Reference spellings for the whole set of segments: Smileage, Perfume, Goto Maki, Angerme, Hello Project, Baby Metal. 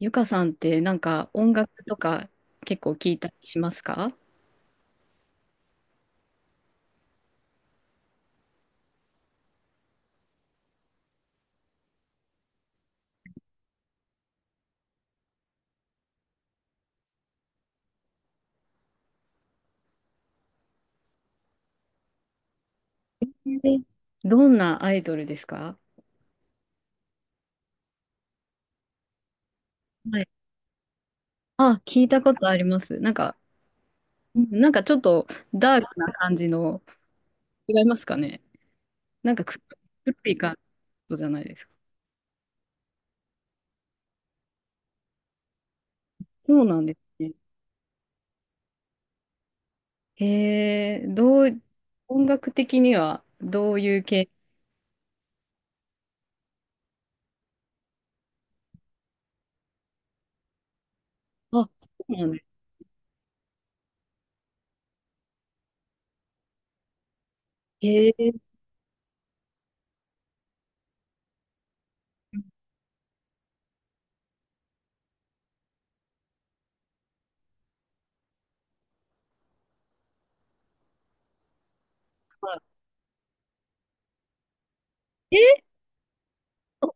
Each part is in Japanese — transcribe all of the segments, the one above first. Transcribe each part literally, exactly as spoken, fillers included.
ゆかさんってなんか音楽とか結構聞いたりしますか？え、どんなアイドルですか？はい。あ、聞いたことあります。なんか、うん、なんかちょっとダークな感じの、違いますかね？なんかく黒い感じじゃないですか。そうなんですね。へえ、どう、音楽的にはどういう系？あ、そうなんです。へえ、まあ、えー、お、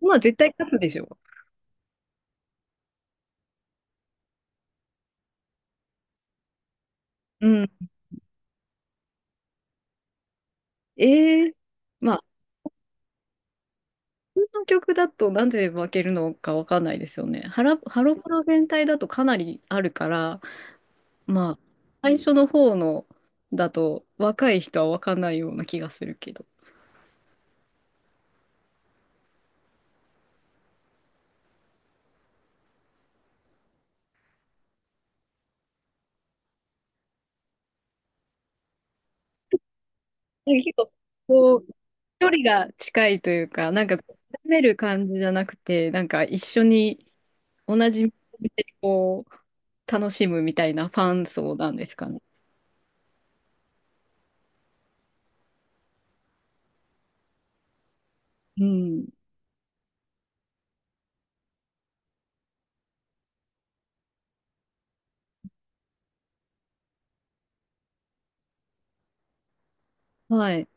まあ絶対勝つでしょう。うん。ええ、まあ普通の曲だとなんで分けるのか分かんないですよね。ハラ、ハロプロ全体だとかなりあるから、まあ、最初の方のだと若い人は分かんないような気がするけど。なんか結構、こう、距離が近いというか、なんか、こうめる感じじゃなくて、なんか一緒に同じ目でこう、楽しむみたいなファン層なんですかね。うん。はい。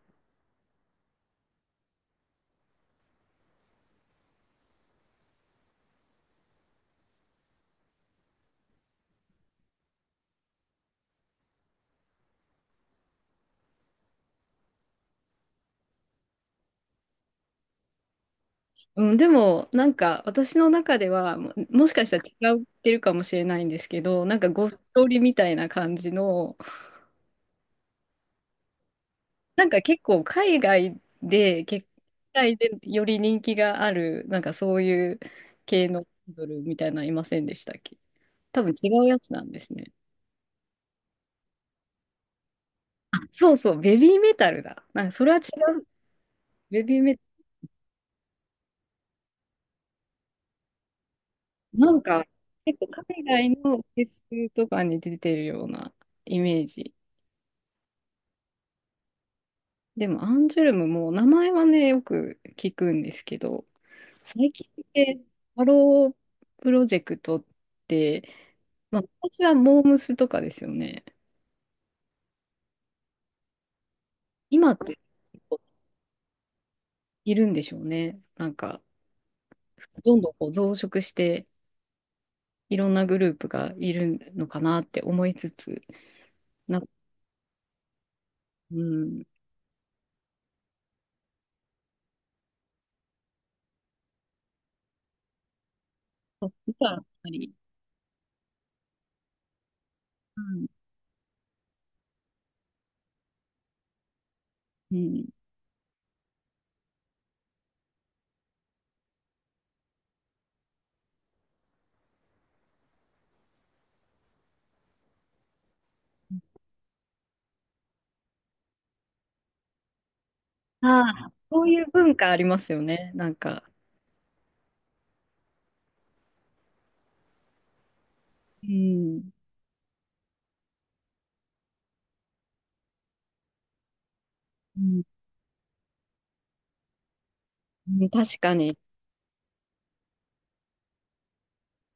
うん、でも、なんか、私の中では、も、もしかしたら違ってるかもしれないんですけど、なんか、ゴストリみたいな感じの、なんか結構、海外で、結海外でより人気がある、なんかそういう系のアイドルみたいなのいませんでしたっけ？多分違うやつなんですね。あ、そうそう、ベビーメタルだ。なんか、それは違う。ベビーメタル。なんか、結構、海外のフェスとかに出てるようなイメージ。でも、アンジュルムも名前はね、よく聞くんですけど、最近ってハロープロジェクトって、まあ、私はモームスとかですよね。今っているんでしょうね。なんか、どんどんこう増殖して、いろんなグループがいるのかなって思いつつ、な、うん、そっちはやっぱり、うん、うん、ああ、そういう文化ありますよね。なんか、うん、うん、うん、確かに。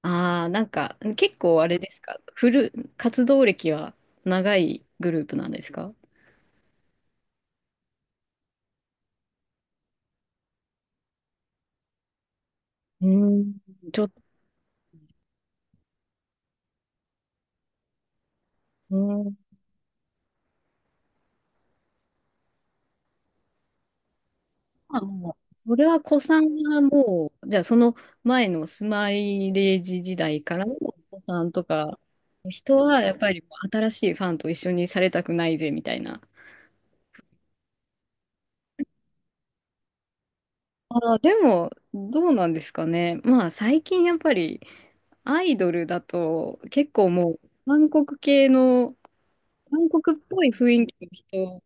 ああ、なんか結構あれですか、フル、活動歴は長いグループなんですか？うん、ちょっと、うん、まあもうそれは子さんがもう、じゃあその前のスマイレージ時代からの子さんとか、人はやっぱりもう新しいファンと一緒にされたくないぜみたいな。ああ、でも、どうなんですかね。まあ最近やっぱりアイドルだと結構もう韓国系の韓国っぽい雰囲気の人、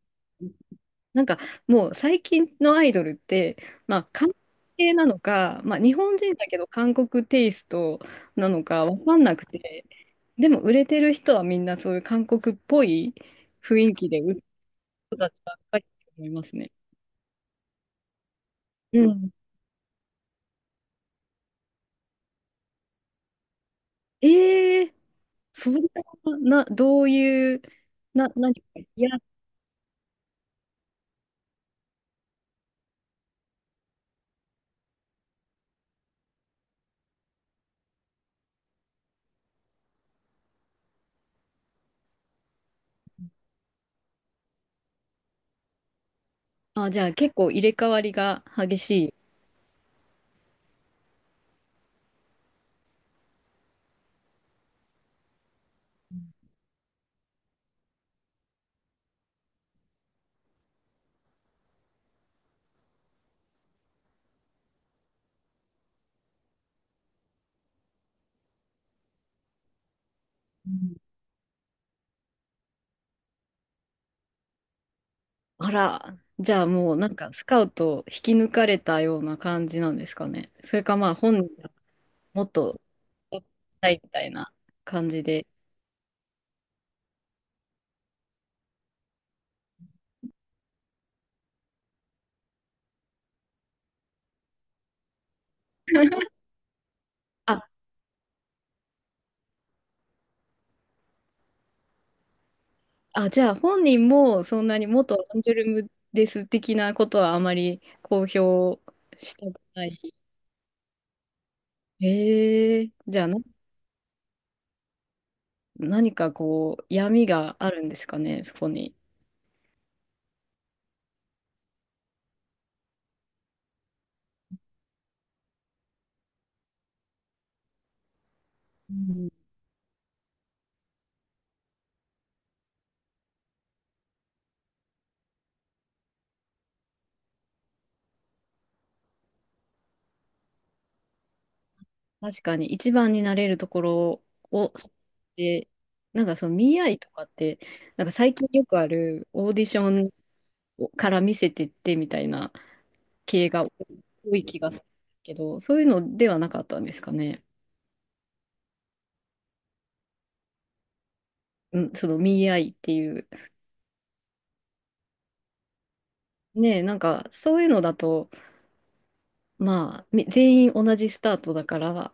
なんかもう最近のアイドルって、まあ、韓国系なのか、まあ、日本人だけど韓国テイストなのか分かんなくて、でも売れてる人はみんなそういう韓国っぽい雰囲気で売る人たちばっかりだと思いますね。うん。えー、そんなな、どういう、な、何か、いや、あ、じゃあ結構入れ替わりが激しい。あら、じゃあもうなんかスカウト引き抜かれたような感じなんですかね。それかまあ本人がもっとしたいみたいな感じで。あ、あ、じゃあ本人もそんなに元アンジュルムです的なことはあまり公表したくない。へえ、じゃあな何かこう闇があるんですかね、そこに。うん、確かに一番になれるところを、で、なんかその見合いとかって、なんか最近よくあるオーディションから見せてってみたいな系が多い気がするけど、そういうのではなかったんですかね。うん、その見合いっていう。ねえ、なんかそういうのだと、まあ、み全員同じスタートだから、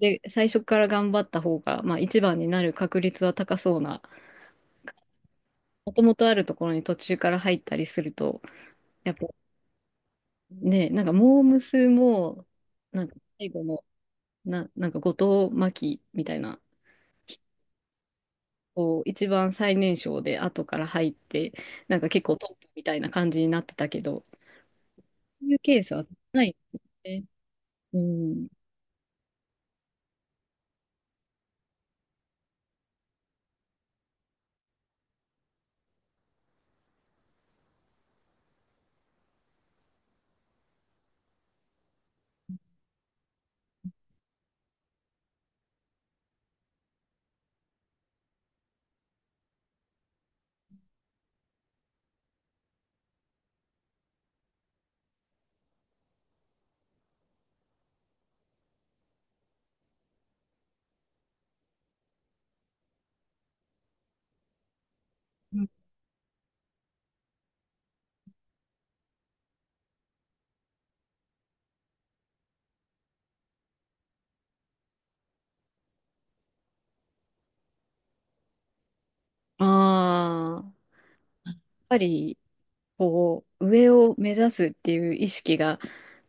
で、最初から頑張った方が、まあ一番になる確率は高そうな、もともとあるところに途中から入ったりすると、やっぱね、なんかモー娘も、なんか最後の、な、なんか後藤真希みたいな、こう一番最年少で後から入って、なんか結構トップみたいな感じになってたけど、そういうケースはないですね。うん。ああ、やっぱり、こう、上を目指すっていう意識が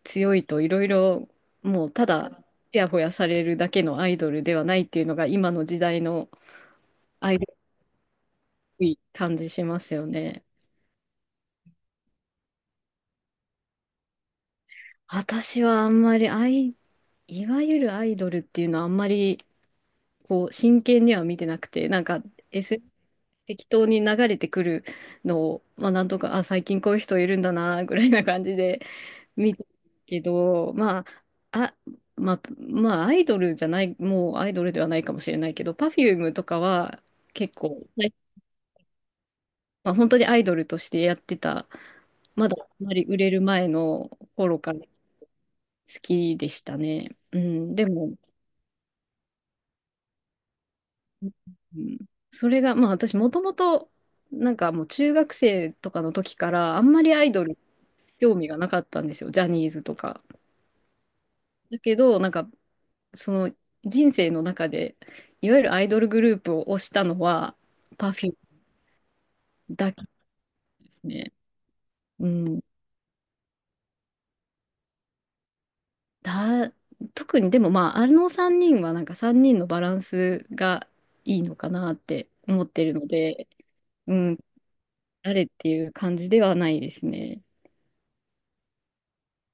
強いといろいろ、もうただ、ちやほやされるだけのアイドルではないっていうのが今の時代のアイドルっぽい感じしますよね。私はあんまりアイ、いわゆるアイドルっていうのはあんまりこう真剣には見てなくて、なんかエスエヌ適当に流れてくるのを、まあなんとか、あ、最近こういう人いるんだな、ぐらいな感じで見てるけど、まあ、あ、まあ、まあアイドルじゃない、もうアイドルではないかもしれないけど、Perfume とかは結構、はい、まあ、本当にアイドルとしてやってた、まだあんまり売れる前の頃から好きでしたね。うん、でも、うん、それが、まあ私もともと、なんかもう中学生とかの時から、あんまりアイドル興味がなかったんですよ、ジャニーズとか。だけど、なんか、その人生の中で、いわゆるアイドルグループを推したのは、パフュームだけですね。うん。だ、特にでもまあ、あのさんにんはなんかさんにんのバランスがいいのかなって思ってるので、うん、誰っていう感じではないですね。